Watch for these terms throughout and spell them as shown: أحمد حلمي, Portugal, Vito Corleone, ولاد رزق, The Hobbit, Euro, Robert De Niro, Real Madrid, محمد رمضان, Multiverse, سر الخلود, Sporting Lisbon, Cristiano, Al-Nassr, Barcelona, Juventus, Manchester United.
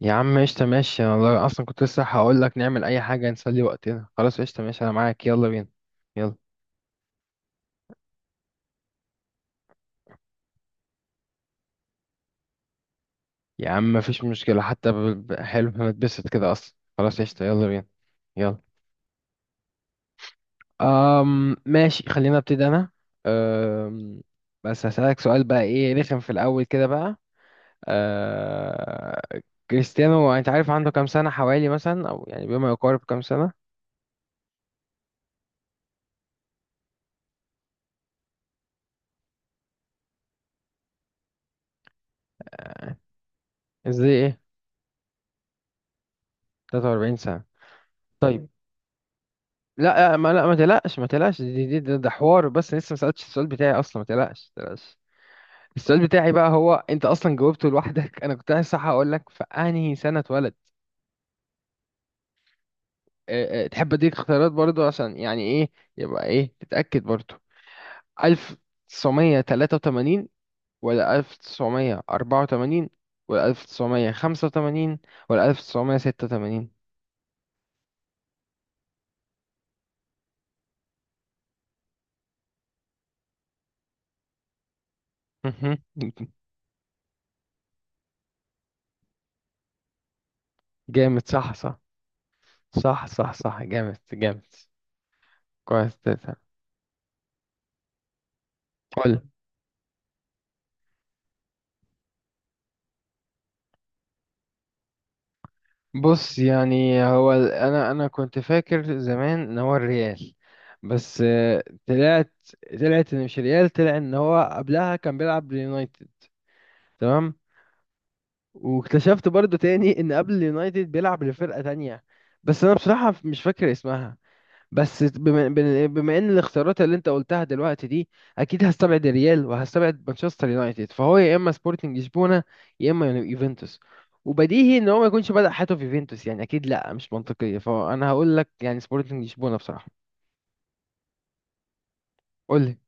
يا عم قشطة، ماشي. انا والله اصلا كنت لسه هقول لك نعمل اي حاجة نسلي وقتنا. خلاص قشطة ماشي، انا معاك. يلا بينا. يلا. يا عم مفيش مشكلة حتى ب... حلو، انا اتبسط كده اصلا. خلاص قشطة، يلا بينا. يلا. ماشي، خلينا ابتدي انا. أم... بس هسألك سؤال بقى، ايه رخم في الاول كده بقى. أه... كريستيانو انت عارف عنده كام سنة حوالي مثلا، او يعني بما يقارب كام سنة؟ ازاي ايه؟ 43 سنة؟ طيب. لا آه، ما تقلقش، ده حوار بس، لسه ما سألتش السؤال بتاعي اصلا. ما تقلقش. السؤال بتاعي بقى، هو انت اصلا جاوبته لوحدك. انا كنت عايز صح اقول لك في انهي سنة اتولد. أه أه، تحب اديك اختيارات برضو عشان يعني ايه، يبقى ايه تتأكد برضو؟ 1983 ولا 1984 ولا 1985 ولا 1986؟ جامد، صح صح. صح صح صح، جامد جامد. كويس تمام. قول. بص يعني هو انا كنت فاكر زمان ان هو الريال، بس آه، طلعت ان مش ريال، طلع ان هو قبلها كان بيلعب ليونايتد، تمام. واكتشفت برضو تاني ان قبل اليونايتد بيلعب لفرقة تانية، بس انا بصراحة مش فاكر اسمها. بس بما ان الاختيارات اللي انت قلتها دلوقتي دي، اكيد هستبعد الريال وهستبعد مانشستر يونايتد. فهو يا اما سبورتنج لشبونه يا اما يوفنتوس. وبديهي ان هو ما يكونش بدأ حياته في يوفنتوس يعني، اكيد لا مش منطقيه. فانا هقول لك يعني سبورتنج لشبونه بصراحه. قول لي،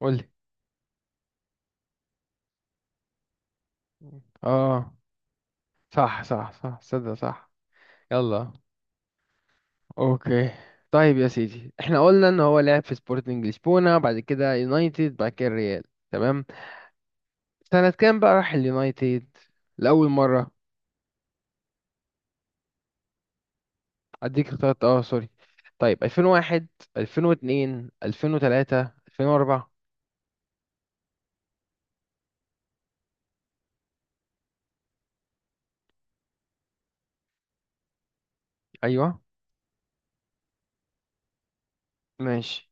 قول لي. اه صح صح صح، صدق، صح. يلا. اوكي. طيب يا سيدي، احنا قلنا ان هو لعب في سبورتنج لشبونه، بعد كده يونايتد، بعد كده الريال، تمام. سنة كام بقى راح اليونايتد لأول مرة؟ اديك اختيارات، اه سوري. طيب 2001، 2002، 2003، 2004. ايوه. ماشي.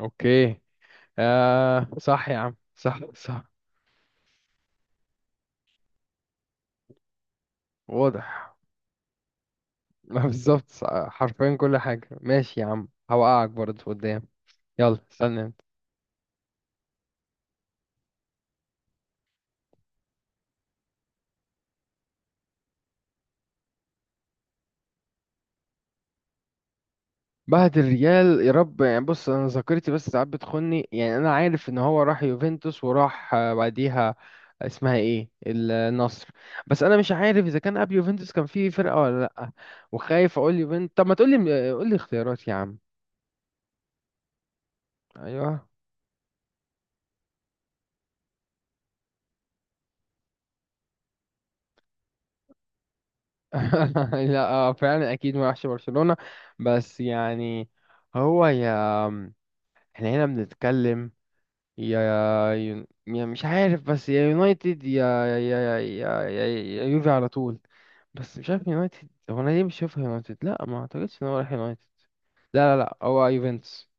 اوكي. آه صح يا عم، صح صح. واضح. ما بالظبط صح، حرفيا كل حاجة. ماشي يا عم، هوقعك برضه قدام. يلا استنى. بعد الريال يا رب. يعني بص، انا ذاكرتي بس ساعات بتخني يعني. انا عارف ان هو راح يوفنتوس وراح آه، بعديها اسمها ايه، النصر. بس انا مش عارف اذا كان قبل يوفنتوس كان في فرقة ولا لا. وخايف اقول يوفنتوس. طب ما تقول لي، قول لي اختيارات يا عم. ايوه. لا آه، فعلا اكيد ما راحش برشلونة. بس يعني هو يا، احنا هنا بنتكلم يا مش عارف. بس يا يونايتد يا يا يوفي على طول. بس مش عارف يونايتد، هو انا ليه مش شايفها يونايتد؟ لا ما اعتقدش ان هو راح يونايتد، لا، هو يوفنتوس.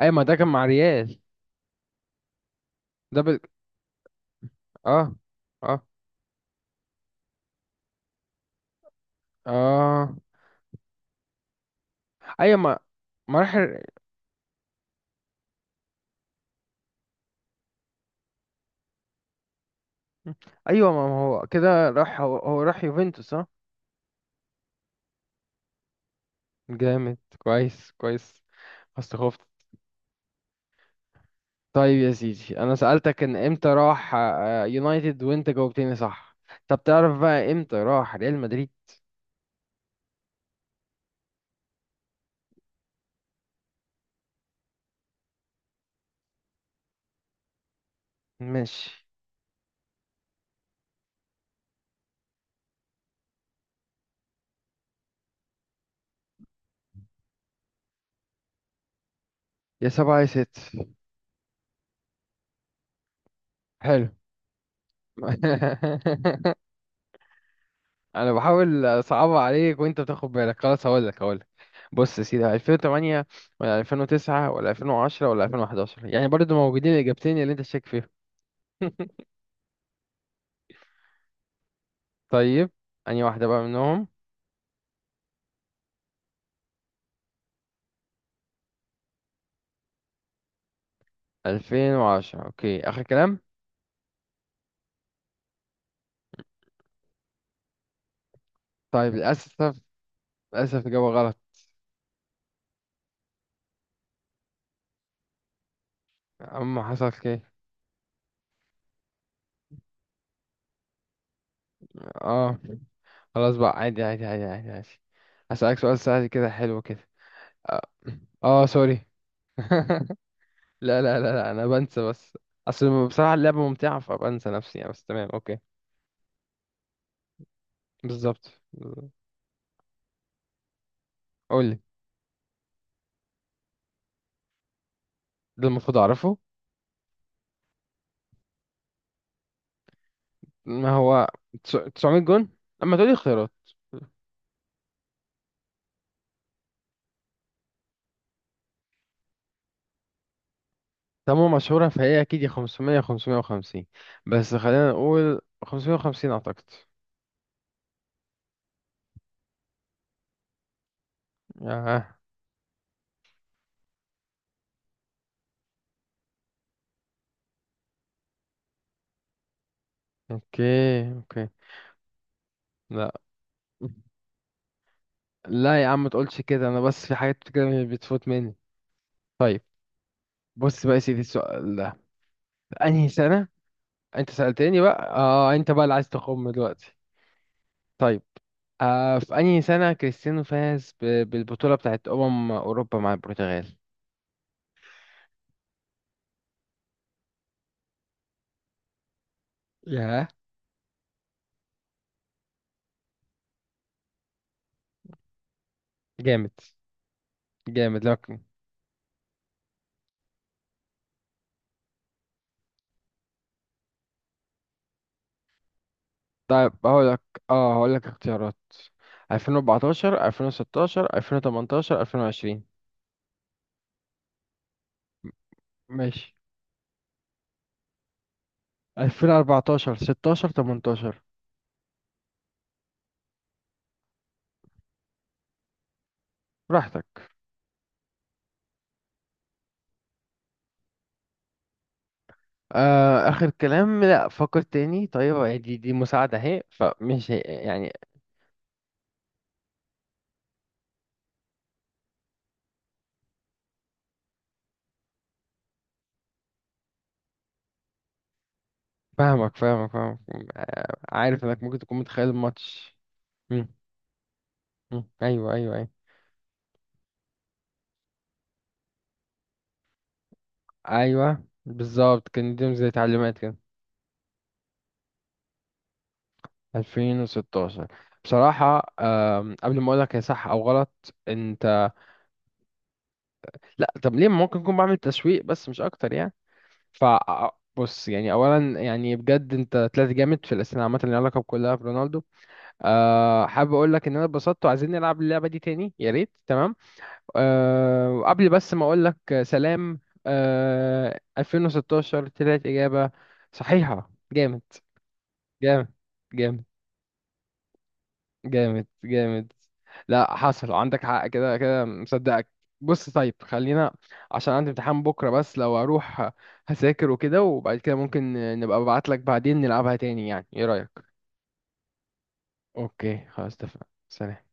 ايوه، ما ده كان مع ريال. ده بال... اه اه اه ايوه ما ما راح ال- ايوه، ما ما هو كده، هو راح يوفنتوس، اه. جامد، كويس كويس. بس خفت. طيب يا سيدي، انا سألتك ان امتى راح آه، يونايتد وانت جاوبتني صح. طب تعرف بقى امتى راح ريال مدريد؟ ماشي. يا سبعة يا ست. حلو. انا بحاول اصعبها عليك وانت بتاخد بالك. خلاص هقول لك، هقول لك. بص يا سيدي، 2008 ولا 2009 ولا 2010 ولا 2011؟ يعني برضو موجودين الاجابتين اللي انت شاك فيهم. طيب، انهي واحده بقى منهم؟ 2010 اوكي، اخر كلام؟ طيب للاسف، للاسف اجابه غلط. اما حصل كده. اه خلاص بقى، عادي. هسألك سؤال سهل كده، حلو كده. اه آه، سوري. لا، انا بنسى بس. اصل بصراحة اللعبة ممتعة فبنسى نفسي يعني. بس تمام، اوكي. بالظبط. قول لي. ده المفروض اعرفه. ما هو 900 جون. اما تقولي خيارات. تمام مشهورة فهي، اكيد يا 500 يا 550. بس خلينا نقول 550 اعتقد. اه. اوكي، اوكي. لا لا يا عم ما تقولش كده، انا بس في حاجات كده بتفوت مني. طيب بص بقى يا سيدي السؤال ده، انهي سنة. انت سألتني بقى اه، انت بقى اللي عايز تخم دلوقتي. طيب آه، في أنهي سنة كريستيانو فاز بالبطولة بتاعت أمم أوروبا مع البرتغال؟ ياه. جامد جامد لكن. طيب هقول لك، اه هقول لك اختيارات. 2014، 2016، 2018، 2020. ماشي. 2014، 16، 18. براحتك. آه آخر كلام؟ لا فكر تاني، طيب دي مساعدة اهي، فمش يعني. فاهمك، فاهمك. آه عارف انك ممكن تكون متخيل الماتش. مم، ايوه ايوه، أيوه. ايوه بالظبط، كان ليهم زي تعليمات كده. 2016؟ بصراحة قبل ما اقولك هي صح او غلط انت. لا طب ليه، ممكن اكون بعمل تسويق بس مش اكتر يعني. ف، بص يعني اولا يعني بجد انت طلعت جامد في الاسئله، عامه اللي ليها علاقه كلها برونالدو. أه حابب اقول لك ان انا اتبسطت، وعايزين نلعب اللعبه دي تاني يا ريت، تمام. أه وقبل بس ما اقول لك سلام، أه 2016 طلعت اجابه صحيحه، جامد. جامد جامد جامد جامد. لا حصل عندك حق، كده كده مصدقك. بص طيب خلينا، عشان عندي امتحان بكرة. بس لو اروح هذاكر وكده، وبعد كده ممكن نبقى ابعت لك بعدين نلعبها تاني، يعني ايه رأيك؟ اوكي خلاص، اتفقنا. سلام.